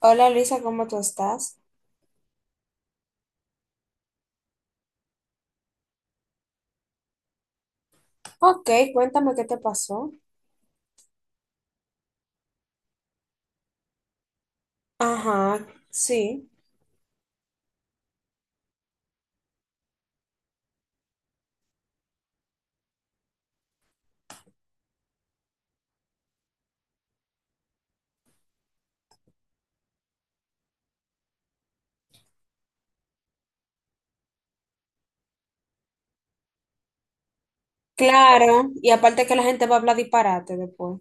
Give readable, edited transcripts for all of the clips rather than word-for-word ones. Hola Luisa, ¿cómo tú estás? Ok, cuéntame qué te pasó. Ajá, sí, claro. Y aparte que la gente va a hablar disparate después.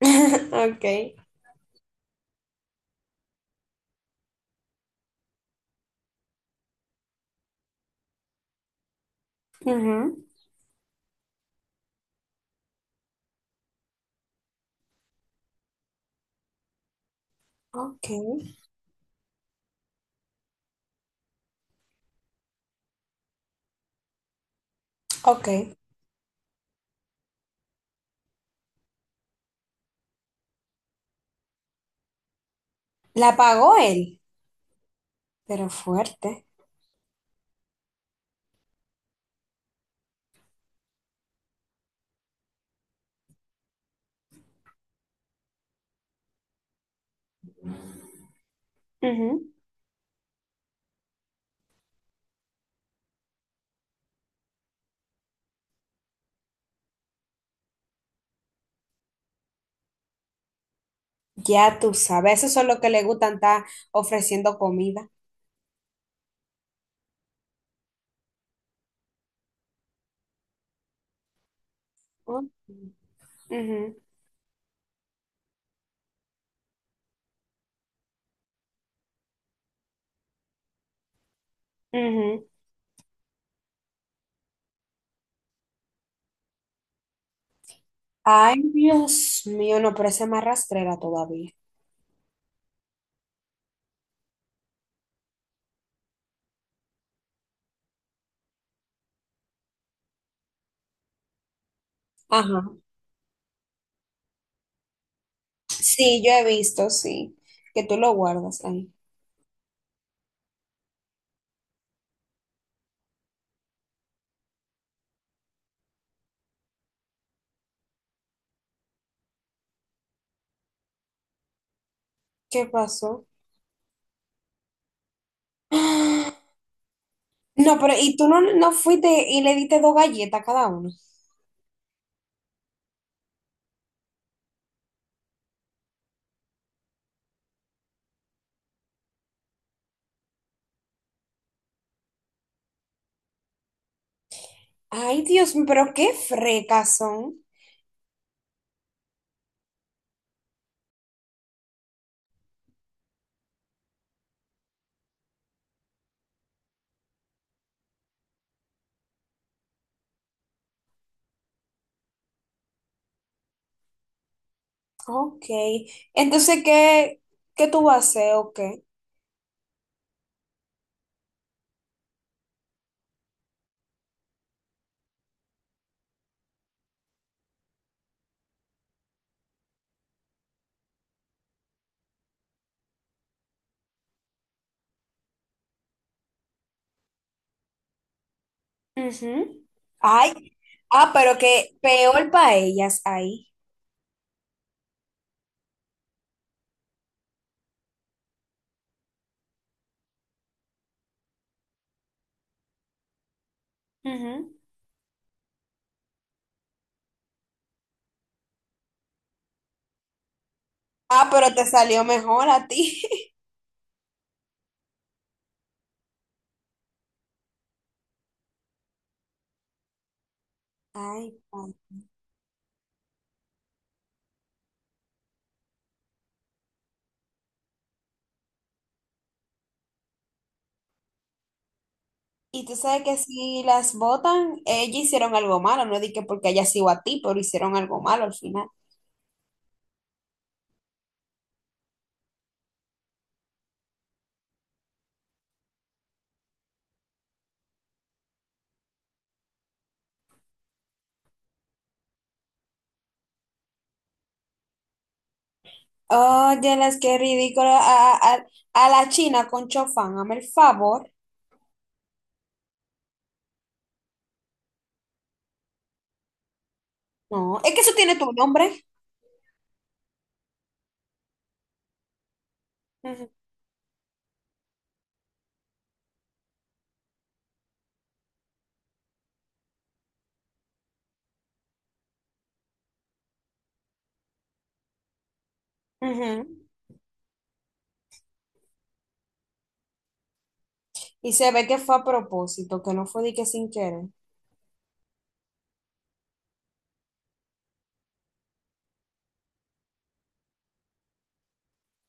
Ok. Ujú, ok, ok. ¿La pagó él? Pero fuerte. Ujú. Ya tú sabes, esos son los que le gustan estar ofreciendo comida. Ok. Ujú, ujú. Ay, Dios mío, no, pero esa es más rastrera todavía. Ajá. Sí, yo he visto, sí, que tú lo guardas ahí. ¿Qué pasó? ¡Ah! No, pero y tú no fuiste y le diste dos galletas a cada uno. Ay, Dios mío, pero qué frecas son. Ok. Entonces, ¿qué, qué tú vas a hacer o qué? Ujú. Ay. Ah, pero que peor para ellas ahí. Ujú. Ah, pero te salió mejor a ti. Ay, padre. Y tú sabes que si las botan, ellas hicieron algo malo, no dije porque ellas sigo a ti, pero hicieron algo malo al final. Oye, las que ridículo. A la China con Chofán, hazme el favor. No, es que eso tiene tu nombre. Ujú, ujú. Y se ve que fue a propósito, que no fue de que sin querer.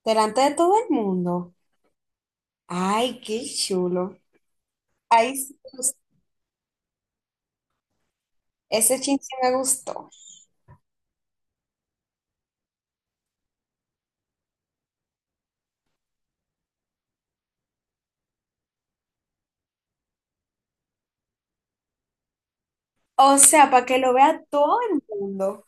Delante de todo el mundo. Ay, qué chulo. Ay, sí me gustó, ese chinche me gustó. O sea, para que lo vea todo el mundo.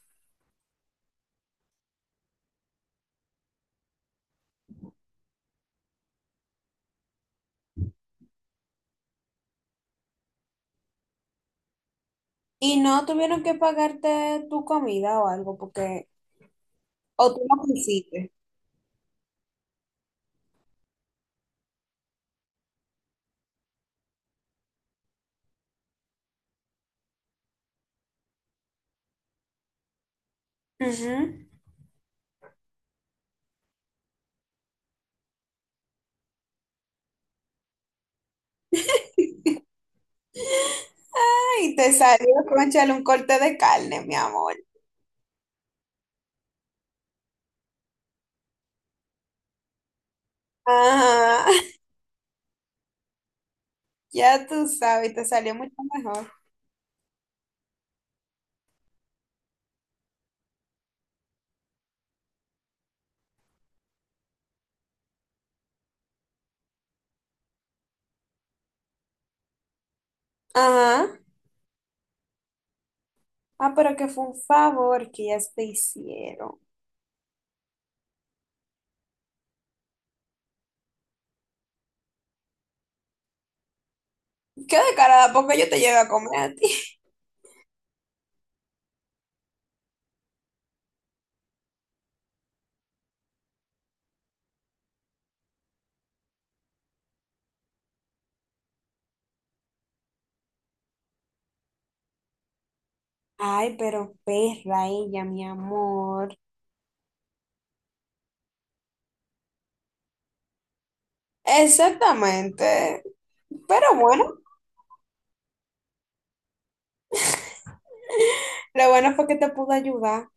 ¿Y no tuvieron que pagarte tu comida o algo? Porque. O tú lo quisiste. Ujú. Ay, te salió, cónchale, un corte de carne, mi amor. Ajá, ya tú sabes, te salió mucho mejor. Ajá. Ah, pero que fue un favor que ya te hicieron. Qué descarada, porque yo te llevo a comer a ti. Ay, pero perra ella, mi amor. Exactamente. Pero bueno, lo bueno fue que te pude ayudar.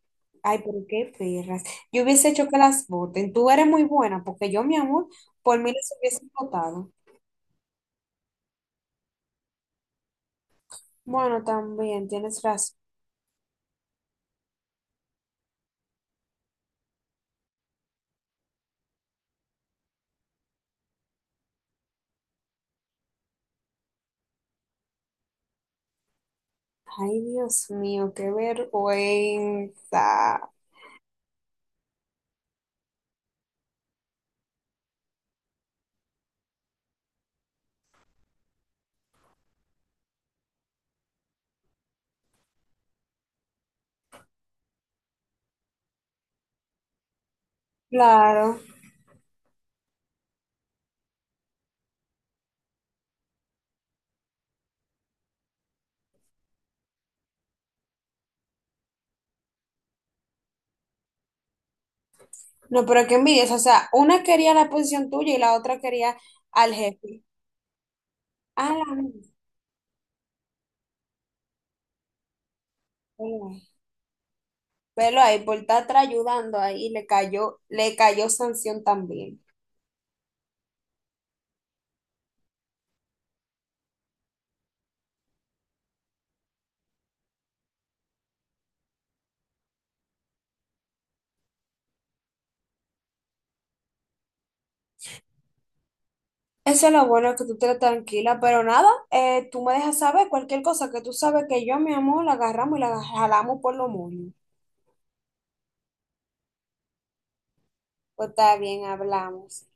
Ay, pero qué perras. Yo hubiese hecho que las voten. Tú eres muy buena, porque yo, mi amor, por mí les hubiese votado. Bueno, también tienes razón. Ay, Dios mío, qué vergüenza. Claro. No, pero qué envidia. O sea, una quería la posición tuya y la otra quería al jefe. Ah, la mujer. Velo ahí, por estar atrás ayudando ahí, le cayó sanción también. Eso es lo bueno, que tú te tranquila, pero nada, tú me dejas saber cualquier cosa que tú sabes que yo, mi amor, la agarramos y la jalamos por lo moños. Pues está bien, hablamos.